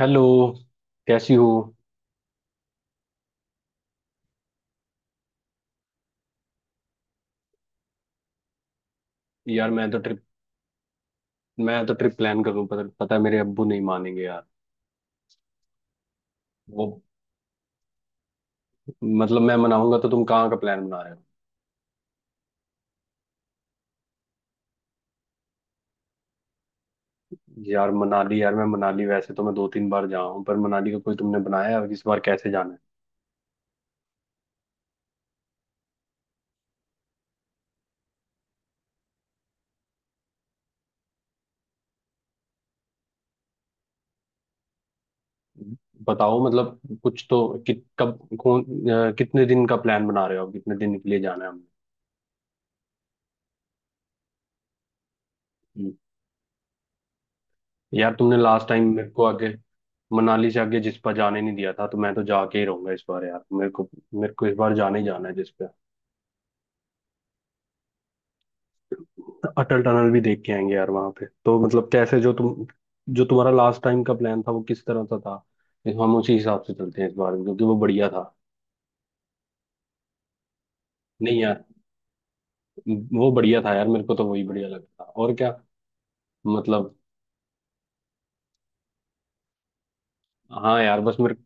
Hello. कैसी हो। यार मैं तो ट्रिप प्लान कर रहा हूँ। पता है मेरे अब्बू नहीं मानेंगे यार। वो मतलब मैं मनाऊंगा तो तुम कहाँ का प्लान बना रहे हो। यार मनाली। यार मैं मनाली, वैसे तो मैं दो तीन बार जा हूँ। पर मनाली का कोई तुमने बनाया है इस बार कैसे जाना है। बताओ मतलब कुछ तो कब कौन, कितने दिन का प्लान बना रहे हो, कितने दिन के लिए जाना है हमने। हम्म, यार तुमने लास्ट टाइम मेरे को आगे मनाली से आगे जिस पर जाने नहीं दिया था, तो मैं तो जाके ही रहूंगा इस बार यार मेरे को। मेरे को इस बार जाने ही जाना है जिस पे। अटल टनल भी देख के आएंगे यार वहां पे, तो मतलब कैसे जो तुम्हारा लास्ट टाइम का प्लान था वो किस तरह का था। हम उसी हिसाब से चलते हैं इस बार भी, क्योंकि वो बढ़िया था। नहीं यार, वो बढ़िया था यार। मेरे को तो वही बढ़िया लगता, और क्या। मतलब। हाँ यार, बस मेरे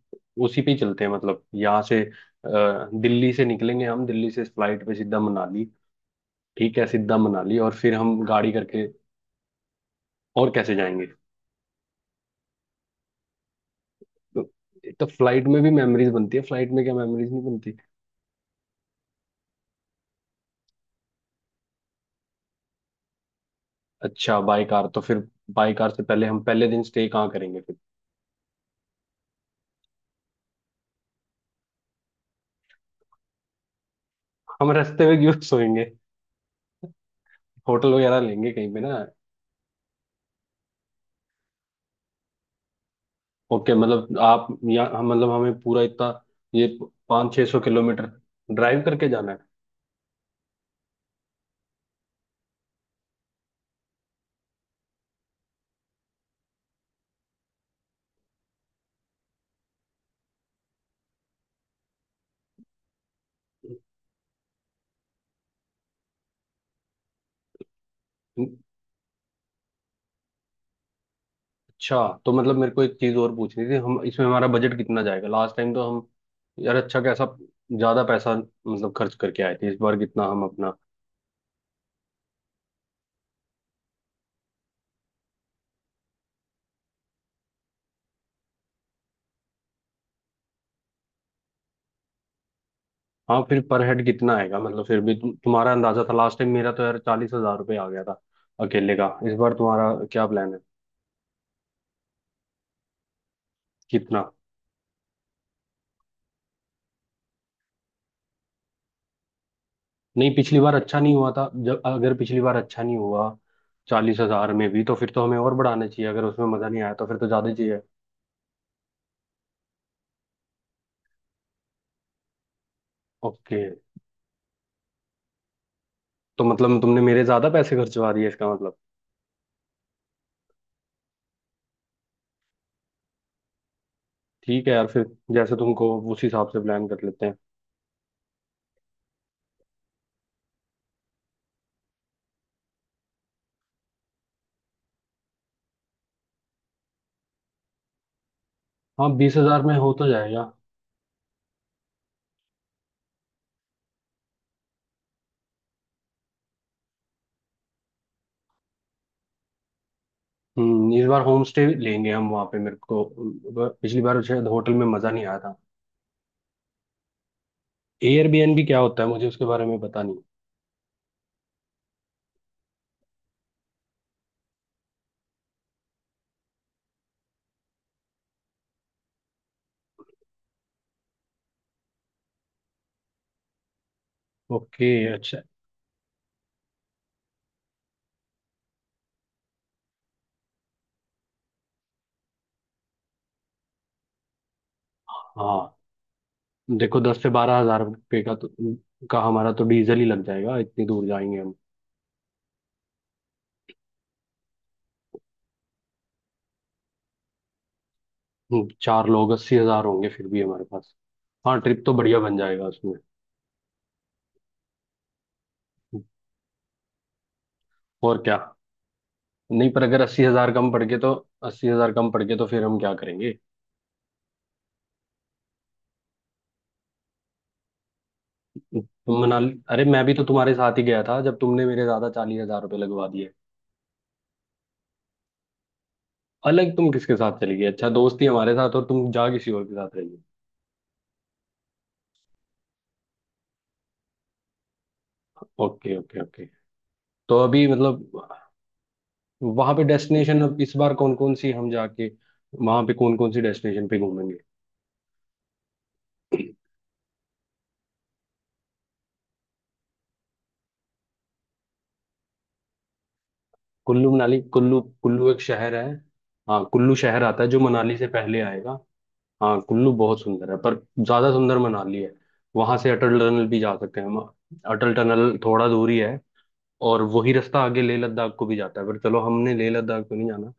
उसी पे ही चलते हैं। मतलब दिल्ली से निकलेंगे हम, दिल्ली से फ्लाइट पे सीधा मनाली। ठीक है, सीधा मनाली और फिर हम गाड़ी करके। और कैसे जाएंगे। तो, तो फ्लाइट में भी मेमोरीज बनती है, फ्लाइट में क्या मेमोरीज नहीं। अच्छा बाई कार। तो फिर बाई कार से पहले हम पहले दिन स्टे कहाँ करेंगे फिर। हम रास्ते में क्यों सोएंगे। होटल वगैरह लेंगे कहीं पे ना। ओके मतलब आप या हम, मतलब हमें पूरा इतना ये 500 600 किलोमीटर ड्राइव करके जाना है। अच्छा, तो मतलब मेरे को एक चीज़ और पूछनी थी, हम इसमें हमारा बजट कितना जाएगा। लास्ट टाइम तो हम, यार अच्छा कैसा ज़्यादा पैसा मतलब खर्च करके आए थे, इस बार कितना हम अपना। हाँ फिर पर हेड कितना आएगा, मतलब फिर भी तुम्हारा अंदाजा था लास्ट टाइम। मेरा तो यार 40 हजार रुपये आ गया था अकेले का। इस बार तुम्हारा क्या प्लान है, कितना। नहीं, पिछली बार अच्छा नहीं हुआ था जब, अगर पिछली बार अच्छा नहीं हुआ 40 हजार में भी, तो फिर तो हमें और बढ़ाना चाहिए। अगर उसमें मजा नहीं आया तो फिर तो ज्यादा चाहिए। ओके। तो मतलब तुमने मेरे ज्यादा पैसे खर्चवा दिए इसका मतलब। ठीक है यार, फिर जैसे तुमको, उस हिसाब से प्लान कर लेते हैं। हाँ, 20 हजार में हो तो जाएगा। इस बार होम स्टे लेंगे हम वहाँ पे मेरे को। पिछली बार शायद होटल में मजा नहीं आया था। एयरबीएनबी क्या होता है, मुझे उसके बारे में पता नहीं। ओके अच्छा। हाँ। देखो 10 से 12 हजार रुपये का हमारा तो डीजल ही लग जाएगा, इतनी दूर जाएंगे हम। चार लोग 80 हजार होंगे फिर भी हमारे पास। हाँ ट्रिप तो बढ़िया बन जाएगा उसमें। और क्या। नहीं पर अगर 80 हजार कम पड़ के तो फिर हम क्या करेंगे। तुम मनाली अरे मैं भी तो तुम्हारे साथ ही गया था जब तुमने मेरे ज्यादा 40 हजार रुपये लगवा दिए। अलग तुम किसके साथ चली गई, अच्छा दोस्त ही हमारे साथ और तुम जा किसी और के साथ रही। हो, ओके ओके ओके। तो अभी मतलब वहां पे डेस्टिनेशन, अब इस बार कौन कौन सी हम जाके, वहां पे कौन कौन सी डेस्टिनेशन पे घूमेंगे। कुल्लू मनाली, कुल्लू कुल्लू एक शहर है। हाँ कुल्लू शहर आता है जो मनाली से पहले आएगा। हाँ कुल्लू बहुत सुंदर है पर ज्यादा सुंदर मनाली है। वहां से अटल टनल भी जा सकते हैं हम। अटल टनल थोड़ा दूर ही है। और वही रास्ता आगे लेह लद्दाख को भी जाता है, पर चलो हमने लेह लद्दाख को नहीं जाना।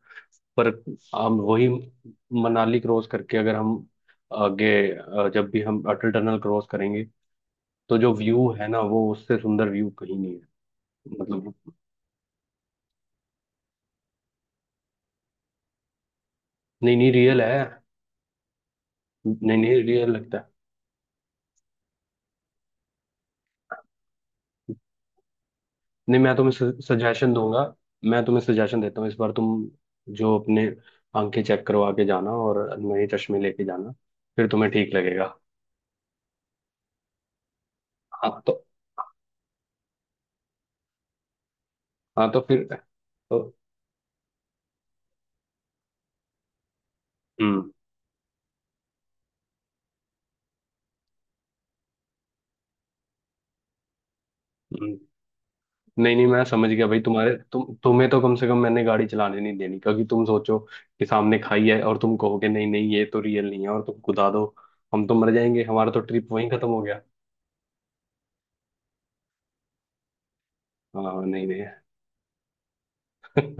पर हम वही मनाली क्रॉस करके अगर हम आगे अ, जब भी हम अटल टनल क्रॉस करेंगे, तो जो व्यू है ना वो, उससे सुंदर व्यू कहीं नहीं है। मतलब नहीं नहीं, रियल है। नहीं नहीं, रियल लगता है। नहीं, सजेशन दूंगा मैं तुम्हें सजेशन देता हूँ, इस बार तुम जो अपने आंखें चेक करवा के जाना और नए चश्मे लेके जाना। फिर तुम्हें ठीक लगेगा। हाँ तो हाँ तो फिर तो हम्म हम्म। नहीं नहीं, मैं समझ गया भाई। तुम्हारे तुम तुम्हें तो कम से कम मैंने गाड़ी चलाने नहीं देनी, क्योंकि तुम सोचो कि सामने खाई है और तुम कहोगे नहीं नहीं ये तो रियल नहीं है और तुम कुदा दो। हम तो मर जाएंगे, हमारा तो ट्रिप वहीं खत्म हो गया। हाँ नहीं नहीं।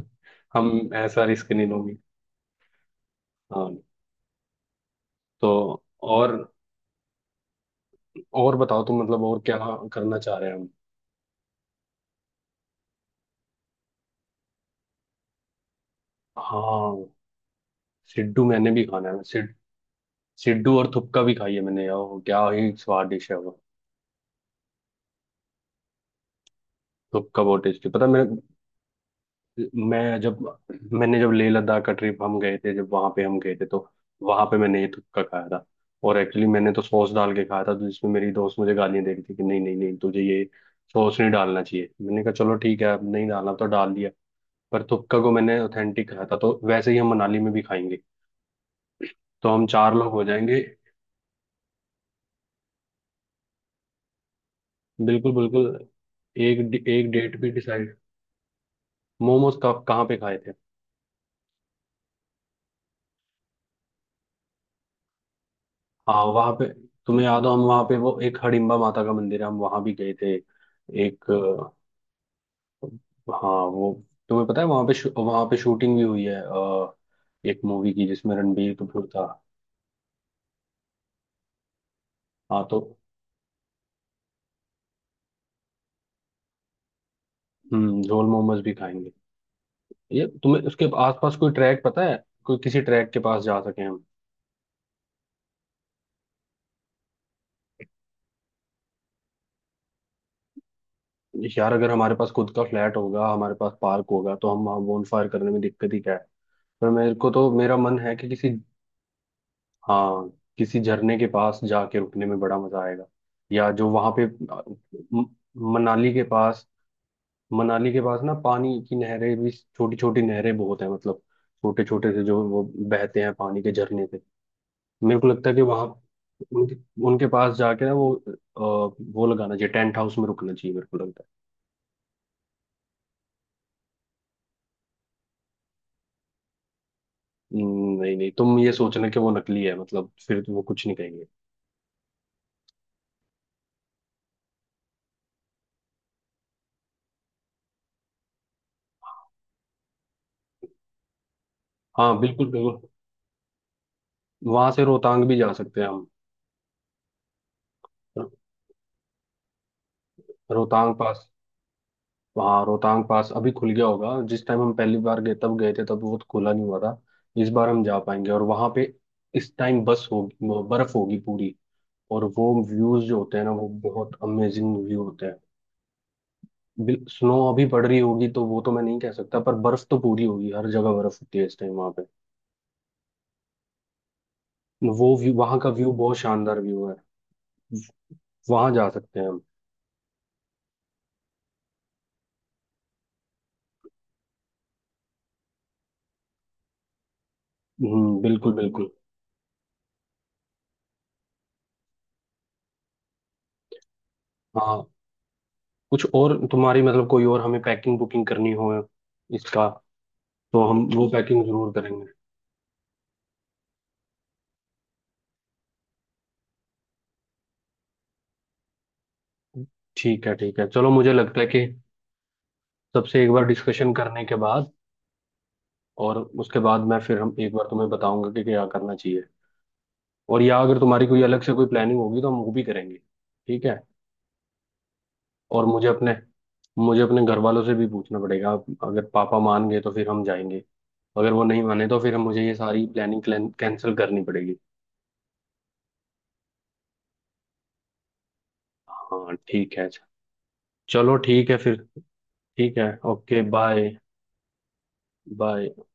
हम ऐसा रिस्क नहीं लोगे। हाँ तो, और और बताओ तुम, मतलब और क्या करना चाह रहे हैं हम। हाँ सिड्डू मैंने भी खाना है। सिड्डू और थुपका भी खाई है मैंने यार, वो क्या ही स्वाद डिश है वो। थुपका बहुत टेस्टी, पता है मेरे, मैं जब मैंने जब लेह लद्दाख का ट्रिप हम गए थे, जब वहां पे हम गए थे, तो वहां पे मैंने ये तुक्का खाया था। और एक्चुअली मैंने तो सॉस डाल के खाया था, तो जिसमें मेरी दोस्त मुझे गालियां दे रही थी कि नहीं नहीं नहीं तुझे ये सॉस नहीं डालना चाहिए। मैंने कहा चलो ठीक है, अब नहीं डालना, तो डाल दिया। पर तुक्का को मैंने ऑथेंटिक खाया था, तो वैसे ही हम मनाली में भी खाएंगे। तो हम चार लोग हो जाएंगे। बिल्कुल बिल्कुल। एक एक डेट भी डिसाइड। मोमोज कहाँ पे खाए थे। हाँ वहां पे, तुम्हें याद हो हम वहां पे वो एक हडिम्बा माता का मंदिर है, हम वहां भी गए थे। एक अ, हाँ वो, तुम्हें पता है वहां पे शूटिंग भी हुई है, एक मूवी की जिसमें रणबीर कपूर था। हाँ तो झोल मोमोज भी खाएंगे। ये तुम्हें उसके आसपास कोई ट्रैक पता है, कोई किसी ट्रैक के पास जा सके हम। यार अगर हमारे पास खुद का फ्लैट होगा, हमारे पास पार्क होगा, तो हम वहाँ bonfire करने में दिक्कत ही क्या है। पर मेरे को तो मेरा मन है कि किसी, हाँ, किसी झरने के पास जाके रुकने में बड़ा मजा आएगा। या जो वहां पे म- मनाली के पास, मनाली के पास ना पानी की नहरें भी, छोटी छोटी नहरें बहुत हैं, मतलब छोटे छोटे से जो वो बहते हैं पानी के झरने से। मेरे को लगता है कि वहां उनके, उनके पास जाके ना वो लगाना चाहिए, टेंट हाउस में रुकना चाहिए मेरे को लगता है। नहीं नहीं तुम ये सोचना कि वो नकली है, मतलब फिर तो वो कुछ नहीं कहेंगे। हाँ बिल्कुल बिल्कुल। वहां से रोहतांग भी जा सकते हैं हम। रोहतांग पास। वहाँ रोहतांग पास अभी खुल गया होगा, जिस टाइम हम पहली बार गए तब गए थे तब वो तो खुला नहीं हुआ था। इस बार हम जा पाएंगे और वहाँ पे इस टाइम बस होगी, वो बर्फ होगी पूरी। और वो व्यूज जो होते हैं ना, वो बहुत अमेजिंग व्यू होते हैं। स्नो अभी पड़ रही होगी तो वो तो मैं नहीं कह सकता, पर बर्फ तो पूरी होगी, हर जगह बर्फ होती है इस टाइम वहाँ पे। वो व्यू, वहाँ का व्यू बहुत शानदार व्यू है। वहाँ जा सकते हैं हम। बिल्कुल बिल्कुल। हाँ कुछ और तुम्हारी, मतलब कोई और हमें पैकिंग बुकिंग करनी हो इसका, तो हम वो पैकिंग जरूर करेंगे। ठीक है चलो, मुझे लगता है कि सबसे एक बार डिस्कशन करने के बाद, और उसके बाद मैं फिर हम एक बार तुम्हें बताऊंगा कि क्या करना चाहिए। और या अगर तुम्हारी कोई अलग से कोई प्लानिंग होगी तो हम वो भी करेंगे। ठीक है। और मुझे अपने घर वालों से भी पूछना पड़ेगा। अगर पापा मान गए तो फिर हम जाएंगे। अगर वो नहीं माने तो फिर हम, मुझे ये सारी प्लानिंग कैंसिल करनी पड़ेगी। हाँ ठीक है अच्छा। चलो ठीक है फिर। ठीक है। Okay bye. बाय।